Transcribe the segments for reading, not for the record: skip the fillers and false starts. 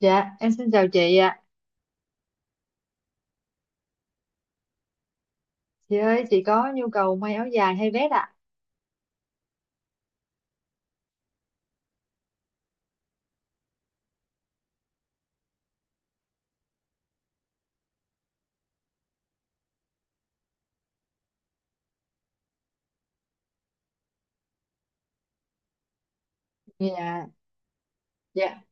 Dạ, em xin chào chị ạ. Chị ơi, chị có nhu cầu may áo dài hay vest ạ? Dạ, dạ,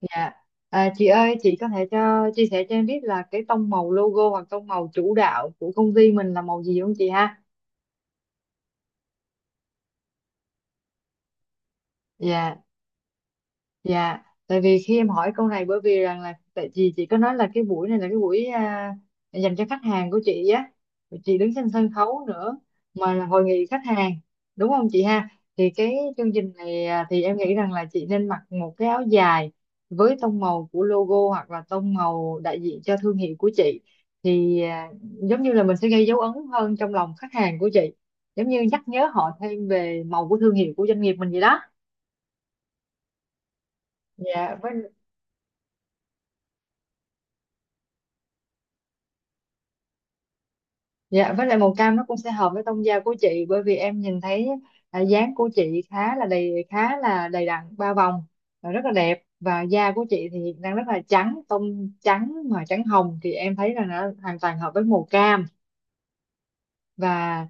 dạ. À, chị ơi, chị có thể cho chia sẻ cho em biết là cái tông màu logo hoặc tông màu chủ đạo của công ty mình là màu gì không chị ha? Dạ. Dạ, tại vì khi em hỏi câu này bởi vì rằng là tại vì chị có nói là cái buổi này là cái buổi à, dành cho khách hàng của chị á. Rồi chị đứng trên sân khấu nữa mà là hội nghị khách hàng, đúng không chị ha? Thì cái chương trình này à, thì em nghĩ rằng là chị nên mặc một cái áo dài với tông màu của logo hoặc là tông màu đại diện cho thương hiệu của chị, thì à, giống như là mình sẽ gây dấu ấn hơn trong lòng khách hàng của chị, giống như nhắc nhớ họ thêm về màu của thương hiệu của doanh nghiệp mình vậy đó. Dạ, với. Dạ, với lại màu cam nó cũng sẽ hợp với tông da của chị bởi vì em nhìn thấy à, dáng của chị khá là đầy đặn ba vòng và rất là đẹp, và da của chị thì đang rất là trắng, tông trắng mà trắng hồng thì em thấy là nó hoàn toàn hợp với màu cam. và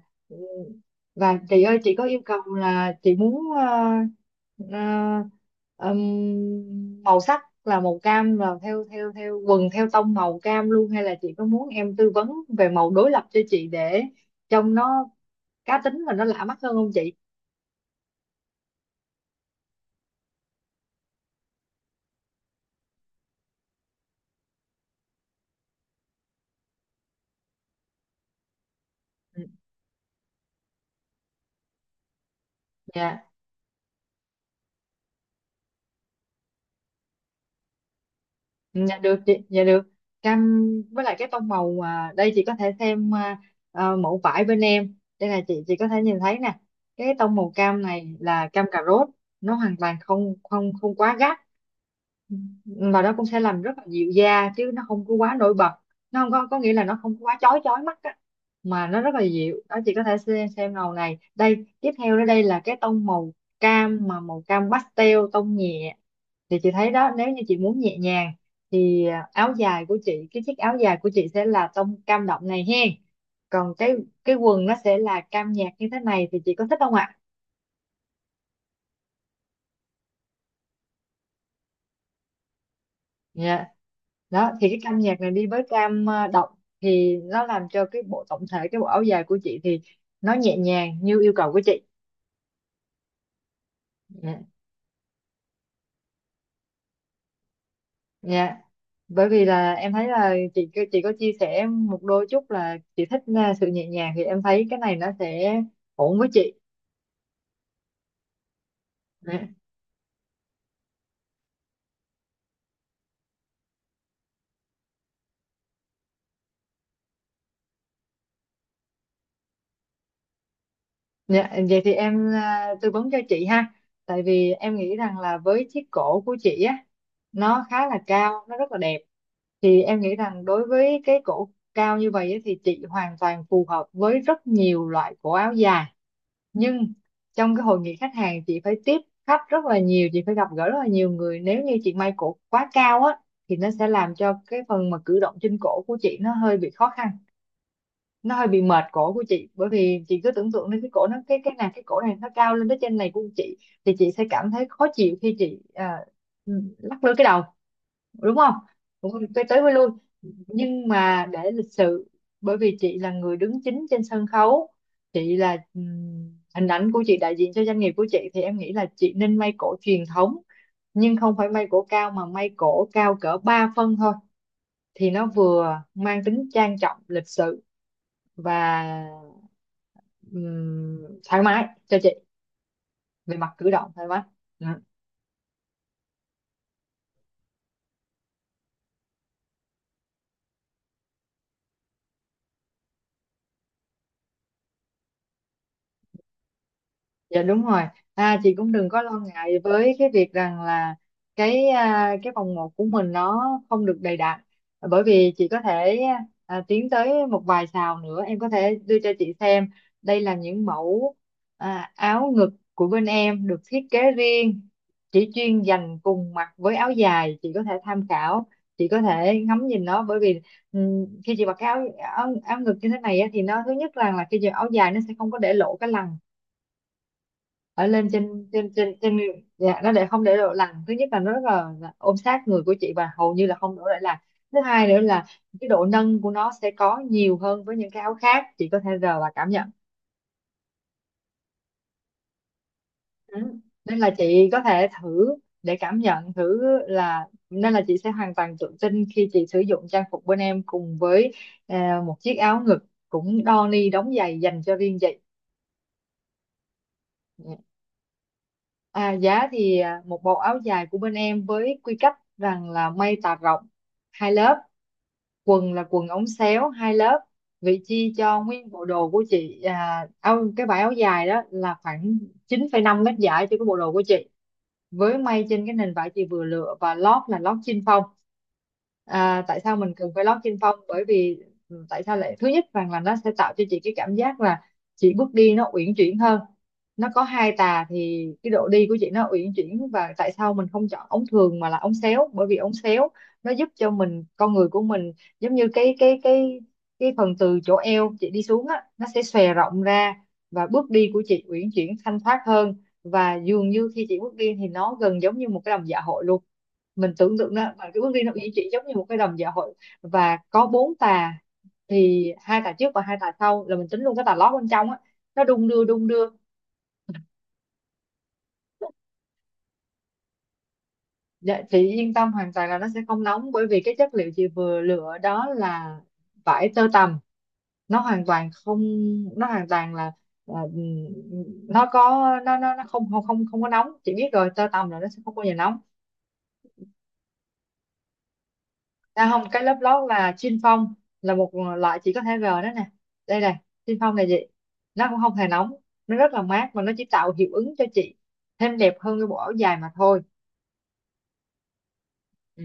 và chị ơi chị có yêu cầu là chị muốn ờ, màu sắc là màu cam là theo theo theo quần theo tông màu cam luôn, hay là chị có muốn em tư vấn về màu đối lập cho chị để trông nó cá tính và nó lạ mắt hơn không chị? Ừ. Dạ. Dạ được chị, dạ được. Cam với lại cái tông màu à, đây chị có thể thêm à, à, mẫu vải bên em. Đây là chị có thể nhìn thấy nè. Cái tông màu cam này là cam cà rốt, nó hoàn toàn không không không quá gắt mà nó cũng sẽ làm rất là dịu da chứ nó không có quá nổi bật. Nó không có, có nghĩa là nó không có quá chói chói mắt á mà nó rất là dịu đó. Chị có thể xem màu này, đây tiếp theo đó, đây là cái tông màu cam, mà màu cam pastel tông nhẹ thì chị thấy đó, nếu như chị muốn nhẹ nhàng thì à, áo dài của chị, cái chiếc áo dài của chị sẽ là tông cam đậm này hen, còn cái quần nó sẽ là cam nhạt như thế này, thì chị có thích không ạ? Dạ. Đó thì cái cam nhạc này đi với cam động thì nó làm cho cái bộ tổng thể, cái bộ áo dài của chị thì nó nhẹ nhàng như yêu cầu của chị. Dạ. Dạ. Bởi vì là em thấy là chị có chia sẻ một đôi chút là chị thích sự nhẹ nhàng, thì em thấy cái này nó sẽ ổn với chị. Dạ. Dạ, vậy thì em à, tư vấn cho chị ha. Tại vì em nghĩ rằng là với chiếc cổ của chị á, nó khá là cao, nó rất là đẹp. Thì em nghĩ rằng đối với cái cổ cao như vậy á, thì chị hoàn toàn phù hợp với rất nhiều loại cổ áo dài. Nhưng trong cái hội nghị khách hàng chị phải tiếp khách rất là nhiều, chị phải gặp gỡ rất là nhiều người. Nếu như chị may cổ quá cao á, thì nó sẽ làm cho cái phần mà cử động trên cổ của chị nó hơi bị khó khăn, nó hơi bị mệt cổ của chị, bởi vì chị cứ tưởng tượng đến cái cổ, nó cái này cái cổ này nó cao lên tới trên này của chị, thì chị sẽ cảm thấy khó chịu khi chị à, lắc lư cái đầu, đúng không, cũng không tới, tới với lui, nhưng mà để lịch sự bởi vì chị là người đứng chính trên sân khấu, chị là hình ảnh của chị đại diện cho doanh nghiệp của chị, thì em nghĩ là chị nên may cổ truyền thống, nhưng không phải may cổ cao mà may cổ cao cỡ 3 phân thôi, thì nó vừa mang tính trang trọng lịch sự và thoải mái cho chị về mặt cử động thoải mái. Ừ. Dạ đúng rồi. À, chị cũng đừng có lo ngại với cái việc rằng là cái à, cái vòng một của mình nó không được đầy đặn, bởi vì chị có thể à, tiến tới một vài sào nữa em có thể đưa cho chị xem. Đây là những mẫu à, áo ngực của bên em được thiết kế riêng, chỉ chuyên dành cùng mặc với áo dài, chị có thể tham khảo, chị có thể ngắm nhìn nó, bởi vì khi chị mặc cái áo, áo ngực như thế này á, thì nó thứ nhất là khi chị mặc áo dài nó sẽ không có để lộ cái lằn ở lên trên trên trên trên Dạ, nó để không để độ lằn, thứ nhất là nó rất là ôm sát người của chị và hầu như là không đổ lại lằn. Thứ hai nữa là cái độ nâng của nó sẽ có nhiều hơn với những cái áo khác, chị có thể rờ và cảm nhận. Ừ. Nên là chị có thể thử để cảm nhận thử, là nên là chị sẽ hoàn toàn tự tin khi chị sử dụng trang phục bên em cùng với à, một chiếc áo ngực cũng đo ni đóng giày dành cho riêng chị. Dạ. À, giá thì à, một bộ áo dài của bên em với quy cách rằng là may tà rộng hai lớp, quần là quần ống xéo hai lớp. Vị chi cho nguyên bộ đồ của chị à, áo cái vải áo dài đó là khoảng 9,5 mét giải cho cái bộ đồ của chị, với may trên cái nền vải chị vừa lựa, và lót là lót chin phong. À, tại sao mình cần phải lót chin phong, bởi vì tại sao lại thứ nhất rằng là nó sẽ tạo cho chị cái cảm giác là chị bước đi nó uyển chuyển hơn, nó có hai tà thì cái độ đi của chị nó uyển chuyển. Và tại sao mình không chọn ống thường mà là ống xéo, bởi vì ống xéo nó giúp cho mình, con người của mình, giống như cái cái phần từ chỗ eo chị đi xuống á nó sẽ xòe rộng ra, và bước đi của chị uyển chuyển thanh thoát hơn, và dường như khi chị bước đi thì nó gần giống như một cái đầm dạ hội luôn. Mình tưởng tượng đó mà cái bước đi nó ý chị giống như một cái đầm dạ hội và có bốn tà, thì hai tà trước và hai tà sau là mình tính luôn cái tà lót bên trong á, nó đung đưa đung đưa. Dạ, chị yên tâm hoàn toàn là nó sẽ không nóng, bởi vì cái chất liệu chị vừa lựa đó là vải tơ tằm, nó hoàn toàn không, nó hoàn toàn là, nó có, nó nó không không không không có nóng. Chị biết rồi, tơ tằm là nó sẽ không bao giờ nóng. À không, cái lớp lót là chin phong, là một loại chỉ có thể g đó nè. Đây này, chin phong này chị. Nó cũng không hề nóng, nó rất là mát và nó chỉ tạo hiệu ứng cho chị thêm đẹp hơn cái bộ áo dài mà thôi. Ừ.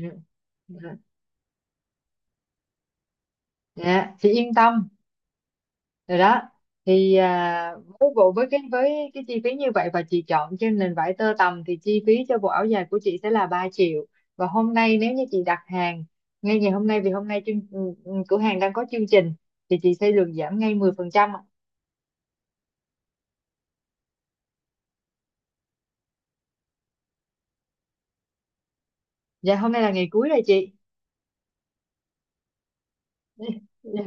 Ừ. Dạ, chị yên tâm rồi đó. Thì à, với bộ, với cái, với cái chi phí như vậy và chị chọn trên nền vải tơ tằm thì chi phí cho bộ áo dài của chị sẽ là 3 triệu. Và hôm nay nếu như chị đặt hàng ngay ngày hôm nay, vì hôm nay chương, cửa hàng đang có chương trình thì chị sẽ được giảm ngay 10%. Dạ hôm nay là ngày cuối rồi chị.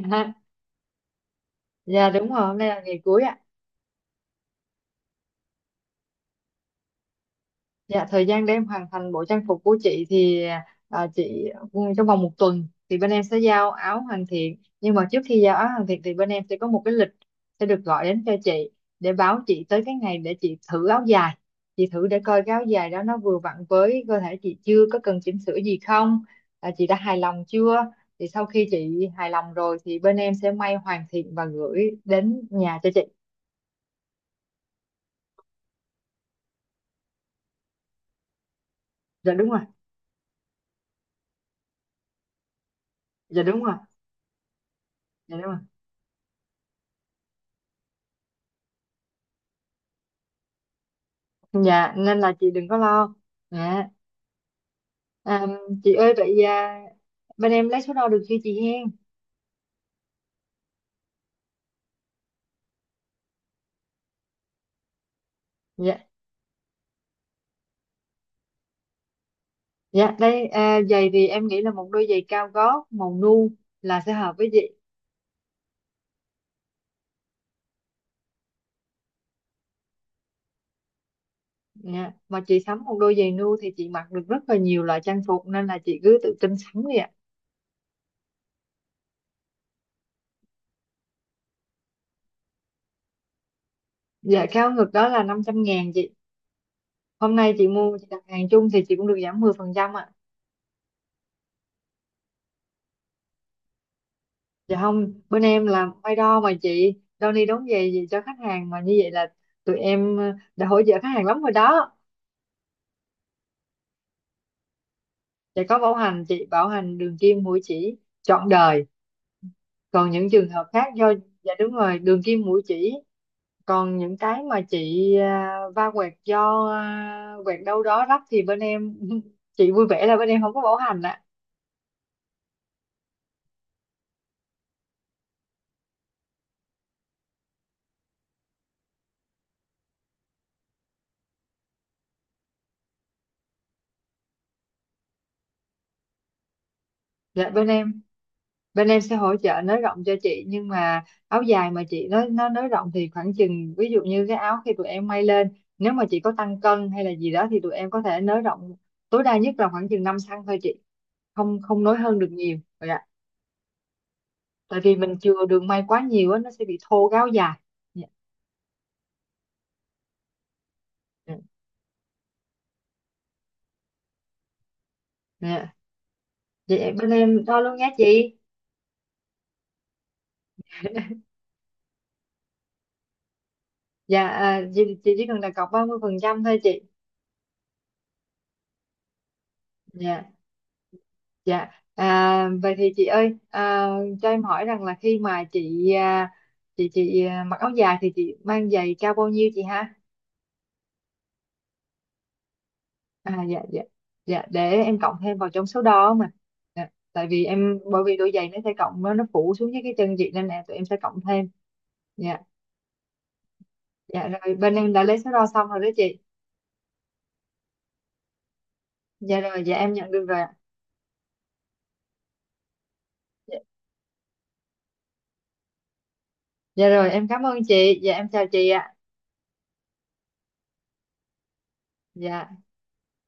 Dạ, dạ đúng rồi, hôm nay là ngày cuối ạ. Dạ thời gian để em hoàn thành bộ trang phục của chị thì à, chị trong vòng một tuần thì bên em sẽ giao áo hoàn thiện, nhưng mà trước khi giao áo hoàn thiện thì bên em sẽ có một cái lịch sẽ được gọi đến cho chị để báo chị tới cái ngày để chị thử áo dài. Chị thử để coi cái áo dài đó nó vừa vặn với cơ thể chị chưa, có cần chỉnh sửa gì không, à, chị đã hài lòng chưa, thì sau khi chị hài lòng rồi thì bên em sẽ may hoàn thiện và gửi đến nhà cho chị. Dạ đúng rồi. Dạ đúng rồi. Dạ đúng rồi. Dạ nên là chị đừng có lo. Dạ. À, chị ơi vậy à, bên em lấy số đo được chưa chị hen? Dạ. Dạ đây à, giày thì em nghĩ là một đôi giày cao gót màu nu là sẽ hợp với chị. Dạ mà chị sắm một đôi giày nu thì chị mặc được rất là nhiều loại trang phục nên là chị cứ tự tin sắm đi ạ. Dạ cao ngực đó là 500.000 chị, hôm nay chị mua, chị đặt hàng chung thì chị cũng được giảm 10% ạ. Dạ không, bên em làm may đo mà chị, đo ni đóng giày gì cho khách hàng mà, như vậy là tụi em đã hỗ trợ khách hàng lắm rồi đó. Dạ có bảo hành chị, bảo hành đường kim mũi chỉ trọn đời. Còn những trường hợp khác do, dạ đúng rồi, đường kim mũi chỉ. Còn những cái mà chị va quẹt do quẹt đâu đó rách thì bên em, chị vui vẻ là bên em không có bảo hành ạ. Dạ bên em sẽ hỗ trợ nới rộng cho chị, nhưng mà áo dài mà chị nó nới rộng thì khoảng chừng, ví dụ như cái áo khi tụi em may lên nếu mà chị có tăng cân hay là gì đó thì tụi em có thể nới rộng tối đa nhất là khoảng chừng 5 cm thôi chị, không không nối hơn được nhiều rồi ạ, tại vì mình chừa đường may quá nhiều á nó sẽ bị thô cái áo dài. Dạ. Dạ. Dạ. Vậy bên em đo luôn nhé chị. Dạ à, chị chỉ cần đặt cọc 30 phần trăm thôi chị. Dạ. Dạ, à, vậy thì chị ơi, à, cho em hỏi rằng là khi mà chị à, chị à, mặc áo dài thì chị mang giày cao bao nhiêu chị ha? À dạ dạ. Dạ để em cộng thêm vào trong số đó mà. Dạ, tại vì em bởi vì đôi giày nó sẽ cộng, nó phủ xuống với cái chân chị nên là tụi em sẽ cộng thêm. Dạ. Dạ rồi bên em đã lấy số đo xong rồi đó chị. Dạ rồi, dạ em nhận được rồi ạ. Dạ, dạ rồi, em cảm ơn chị. Dạ em chào chị ạ. Dạ.